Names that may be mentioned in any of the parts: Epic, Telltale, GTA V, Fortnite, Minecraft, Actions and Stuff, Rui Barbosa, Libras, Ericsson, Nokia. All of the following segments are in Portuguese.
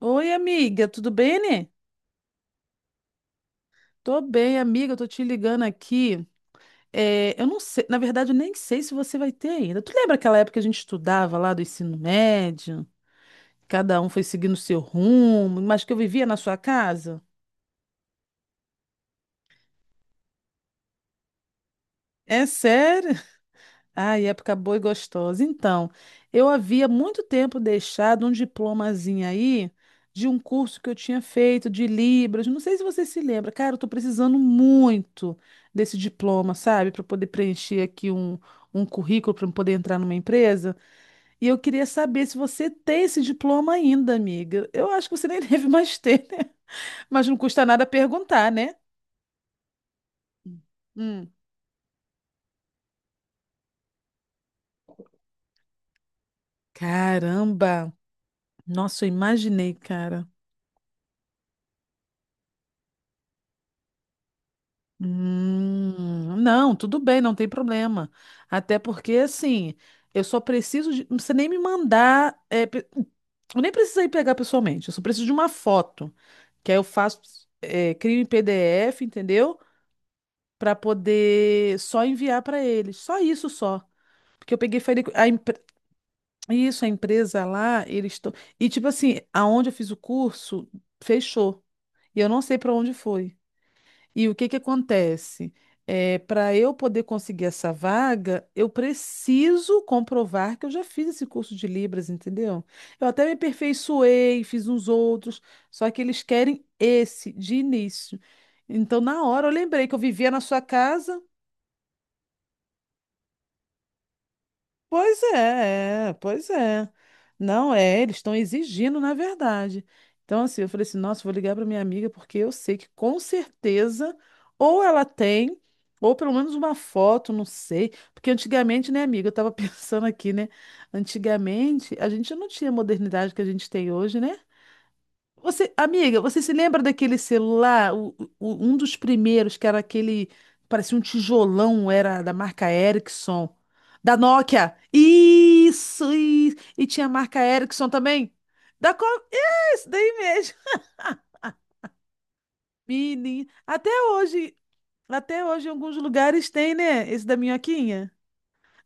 Oi, amiga, tudo bem, né? Tô bem, amiga, eu tô te ligando aqui. É, eu não sei, na verdade, eu nem sei se você vai ter ainda. Tu lembra aquela época que a gente estudava lá do ensino médio? Cada um foi seguindo o seu rumo, mas que eu vivia na sua casa? É sério? Ai, época boa e gostosa. Então, eu havia muito tempo deixado um diplomazinho aí de um curso que eu tinha feito de Libras. Não sei se você se lembra. Cara, eu tô precisando muito desse diploma, sabe? Para poder preencher aqui um currículo para poder entrar numa empresa. E eu queria saber se você tem esse diploma ainda, amiga. Eu acho que você nem deve mais ter, né? Mas não custa nada perguntar, né? Hum. Caramba! Nossa, eu imaginei, cara. Não, tudo bem, não tem problema. Até porque, assim, eu só preciso de. Não precisa nem me mandar. Eu nem preciso ir pegar pessoalmente, eu só preciso de uma foto. Que aí eu faço, crio em PDF, entendeu? Pra poder só enviar pra eles. Só isso só. Porque eu peguei, falei, isso, a empresa lá, eles estão. E, tipo assim, aonde eu fiz o curso, fechou. E eu não sei pra onde foi. E o que que acontece? É, para eu poder conseguir essa vaga, eu preciso comprovar que eu já fiz esse curso de Libras, entendeu? Eu até me aperfeiçoei, fiz uns outros, só que eles querem esse de início. Então, na hora, eu lembrei que eu vivia na sua casa. Pois é, pois é. Não é, eles estão exigindo, na verdade. Então, assim, eu falei assim, nossa, vou ligar para minha amiga porque eu sei que com certeza ou ela tem, ou pelo menos uma foto, não sei. Porque antigamente, né, amiga, eu tava pensando aqui, né? Antigamente a gente não tinha a modernidade que a gente tem hoje, né? Você, amiga, você se lembra daquele celular, um dos primeiros que era aquele, parecia um tijolão, era da marca Ericsson, da Nokia. Isso, isso. E tinha a marca Ericsson também. Da qual? Esse daí mesmo. Menina, até hoje em alguns lugares tem, né? Esse da minhoquinha.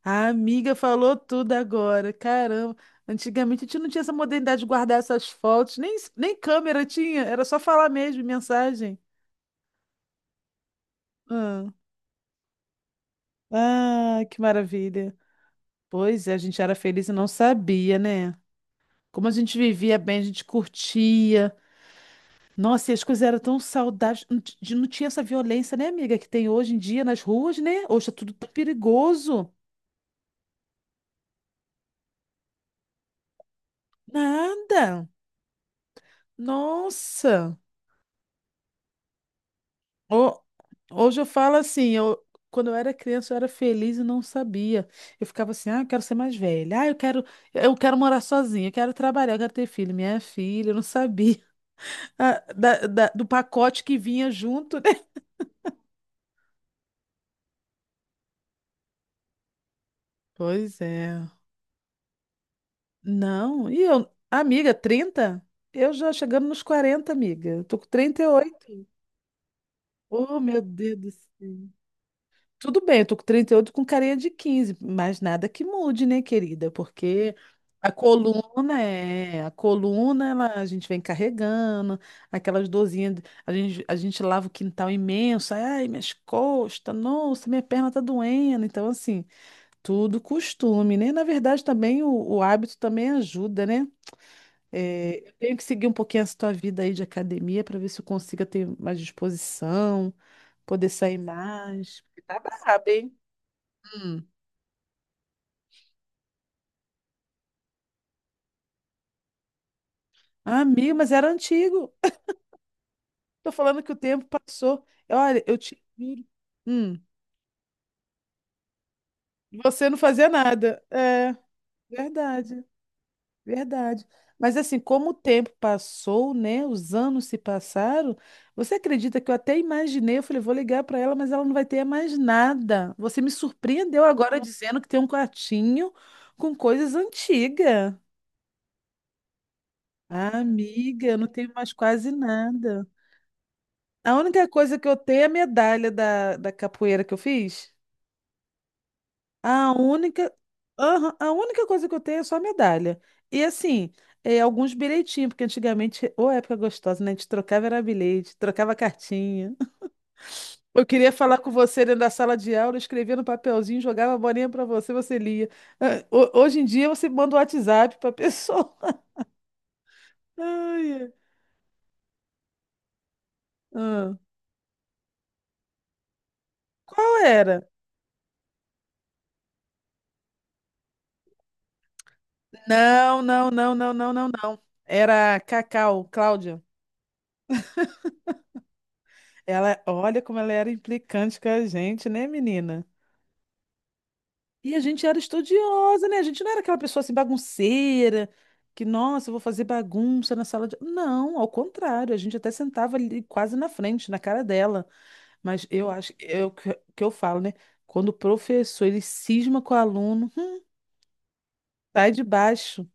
A amiga falou tudo agora. Caramba, antigamente a gente não tinha essa modernidade de guardar essas fotos, nem câmera tinha, era só falar mesmo, mensagem. Ah, ah, que maravilha. Pois é, a gente era feliz e não sabia, né? Como a gente vivia bem, a gente curtia. Nossa, e as coisas eram tão saudáveis. Não, não tinha essa violência, né, amiga, que tem hoje em dia nas ruas, né? Hoje é tudo tão perigoso. Nada. Nossa. Ho- hoje eu falo assim, quando eu era criança eu era feliz e não sabia. Eu ficava assim, ah, eu quero ser mais velha. Ah, eu quero morar sozinha, eu quero trabalhar, eu quero ter filho. Minha filha, eu não sabia. Ah, do pacote que vinha junto, né? Pois é. Não, e eu, amiga, 30? Eu já chegando nos 40, amiga. Eu tô com trinta e oito. Oh, meu Deus do céu. Tudo bem, eu tô com 38 com carinha de 15, mas nada que mude, né, querida? Porque a coluna, ela, a gente vem carregando aquelas dorzinhas, a gente lava o quintal imenso, ai, minhas costas, nossa, minha perna tá doendo. Então, assim, tudo costume, né? Na verdade, também o hábito também ajuda, né? É, eu tenho que seguir um pouquinho essa tua vida aí de academia para ver se eu consigo ter mais disposição, poder sair mais. Porque tá brabo, hein? Hum. Amigo, mas era antigo. Tô falando que o tempo passou. Olha, eu te juro. Hum, você não fazia nada. É, verdade. Verdade. Mas assim, como o tempo passou, né? Os anos se passaram. Você acredita que eu até imaginei? Eu falei, vou ligar para ela, mas ela não vai ter mais nada. Você me surpreendeu agora dizendo que tem um quartinho com coisas antigas. Ah, amiga, eu não tenho mais quase nada. A única coisa que eu tenho é a medalha da capoeira que eu fiz. A única, Aham, a única coisa que eu tenho é só a medalha. E assim, alguns bilhetinhos, porque antigamente, ô época gostosa, né? A gente trocava era bilhete, trocava cartinha. Eu queria falar com você dentro da sala de aula, eu escrevia no papelzinho, jogava a bolinha pra você, você lia. Ah, hoje em dia você manda o WhatsApp pra pessoa. Ai, ai. Ah, qual era? Não, não, não, não, não, não, não. Era a Cacau, Cláudia. Ela, olha como ela era implicante com a gente, né, menina? E a gente era estudiosa, né? A gente não era aquela pessoa assim bagunceira, que, nossa, eu vou fazer bagunça na sala de. Não, ao contrário, a gente até sentava ali quase na frente, na cara dela. Mas eu acho, é o que que eu falo, né? Quando o professor ele cisma com o aluno, sai de baixo.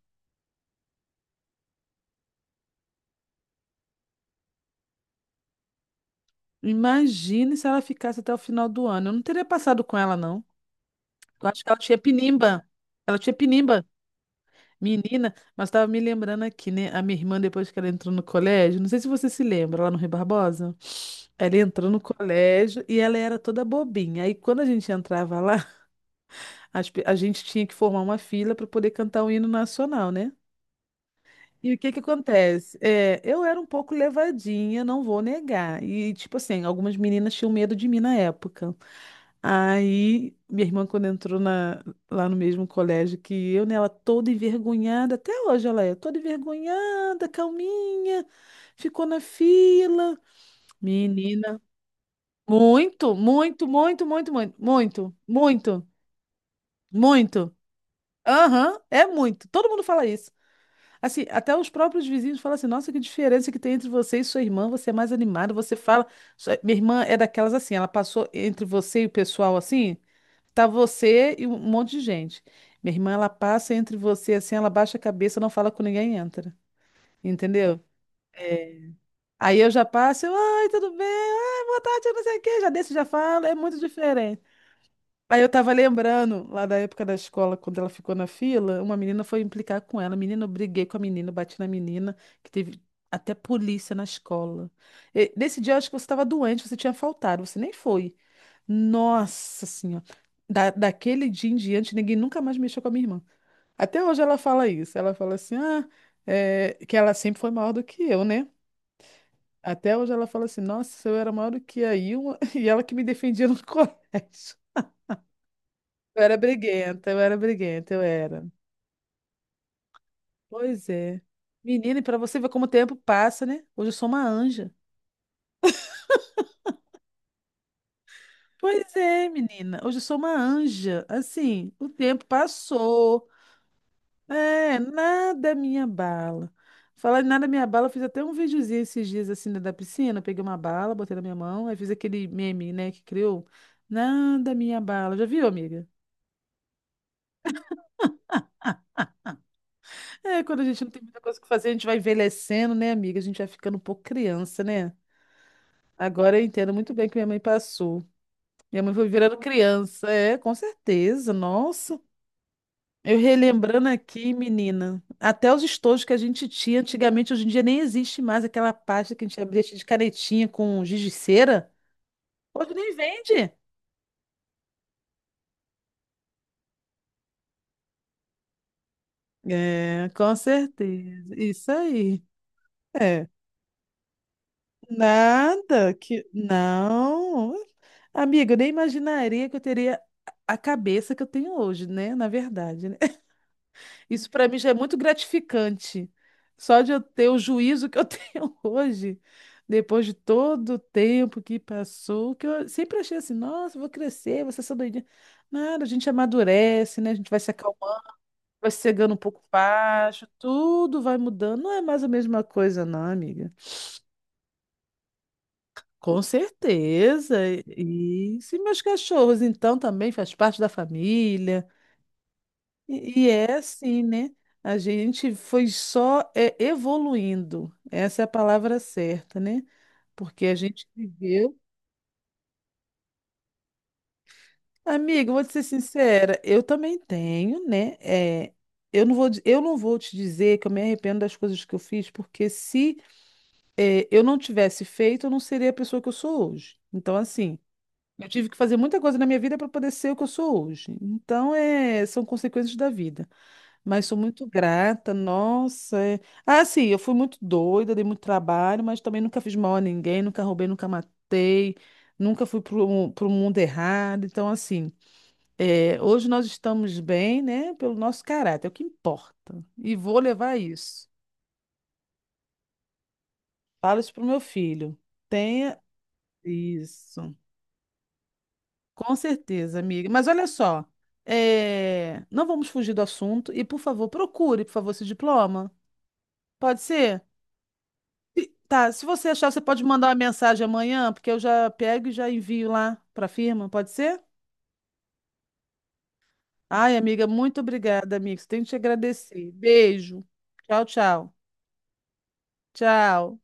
Imagine se ela ficasse até o final do ano. Eu não teria passado com ela, não. Eu acho que ela tinha pinimba. Ela tinha pinimba. Menina, mas estava me lembrando aqui, né? A minha irmã, depois que ela entrou no colégio, não sei se você se lembra, lá no Rui Barbosa, ela entrou no colégio e ela era toda bobinha. Aí quando a gente entrava lá, a gente tinha que formar uma fila para poder cantar o hino nacional, né? E o que que acontece? É, eu era um pouco levadinha, não vou negar. E, tipo assim, algumas meninas tinham medo de mim na época. Aí, minha irmã, quando entrou lá no mesmo colégio que eu, né, ela toda envergonhada, até hoje ela é toda envergonhada, calminha, ficou na fila. Menina, muito, muito, muito, muito, muito, muito, muito, muito. Aham, é muito. Todo mundo fala isso. Assim, até os próprios vizinhos falam assim: nossa, que diferença que tem entre você e sua irmã, você é mais animada, você fala. Minha irmã é daquelas assim, ela passou entre você e o pessoal assim, tá você e um monte de gente. Minha irmã, ela passa entre você assim, ela baixa a cabeça, não fala com ninguém e entra. Entendeu? Aí eu já passo, eu, oi, tudo bem? Ai, boa tarde, não sei o quê, já desço, já falo, é muito diferente. Aí eu tava lembrando, lá da época da escola, quando ela ficou na fila, uma menina foi implicar com ela. Menina, eu briguei com a menina, bati na menina, que teve até polícia na escola. E nesse dia, eu acho que você estava doente, você tinha faltado, você nem foi. Nossa Senhora. Daquele dia em diante, ninguém nunca mais mexeu com a minha irmã. Até hoje ela fala isso. Ela fala assim, ah, que ela sempre foi maior do que eu, né? Até hoje ela fala assim, nossa, eu era maior do que a Ilma, e ela que me defendia no colégio. Eu era briguenta, eu era briguenta, eu era. Pois é. Menina, e para você ver como o tempo passa, né? Hoje eu sou uma anja. Pois é, menina. Hoje eu sou uma anja. Assim, o tempo passou. É, nada me abala. Falar em nada me abala, eu fiz até um videozinho esses dias assim da piscina. Eu peguei uma bala, botei na minha mão, aí fiz aquele meme, né, que criou. Nada me abala. Já viu, amiga? É, quando a gente não tem muita coisa que fazer, a gente vai envelhecendo, né, amiga? A gente vai ficando um pouco criança, né? Agora eu entendo muito bem o que minha mãe passou. Minha mãe foi virando criança. É, com certeza. Nossa. Eu relembrando aqui, menina, até os estojos que a gente tinha antigamente, hoje em dia nem existe mais aquela pasta que a gente abria cheia de canetinha com giz de cera. Hoje nem vende. É, com certeza. Isso aí. É. Nada que. Não. Amiga, eu nem imaginaria que eu teria a cabeça que eu tenho hoje, né? Na verdade, né? Isso para mim já é muito gratificante. Só de eu ter o juízo que eu tenho hoje, depois de todo o tempo que passou, que eu sempre achei assim, nossa, eu vou crescer, vou ser essa doidinha. Nada, a gente amadurece, né? A gente vai se acalmando, vai cegando um pouco baixo, tudo vai mudando. Não é mais a mesma coisa, não, amiga. Com certeza. E e se meus cachorros, então, também faz parte da família. E é assim, né? A gente foi só evoluindo. Essa é a palavra certa, né? Porque a gente viveu. Amiga, eu vou te ser sincera, eu também tenho, né? É, eu não vou, eu não vou te dizer que eu me arrependo das coisas que eu fiz, porque se eu não tivesse feito, eu não seria a pessoa que eu sou hoje. Então, assim, eu tive que fazer muita coisa na minha vida para poder ser o que eu sou hoje. Então, são consequências da vida. Mas sou muito grata, nossa. Ah, sim, eu fui muito doida, dei muito trabalho, mas também nunca fiz mal a ninguém, nunca roubei, nunca matei, nunca fui para o mundo errado. Então, assim, hoje nós estamos bem, né, pelo nosso caráter, é o que importa. E vou levar isso. Falo isso pro meu filho. Tenha isso. Com certeza, amiga. Mas olha só, não vamos fugir do assunto e, por favor, procure, por favor, esse diploma. Pode ser? Tá, se você achar, você pode mandar uma mensagem amanhã, porque eu já pego e já envio lá para a firma, pode ser? Ai, amiga, muito obrigada, amiga. Tenho que te agradecer. Beijo. Tchau, tchau. Tchau.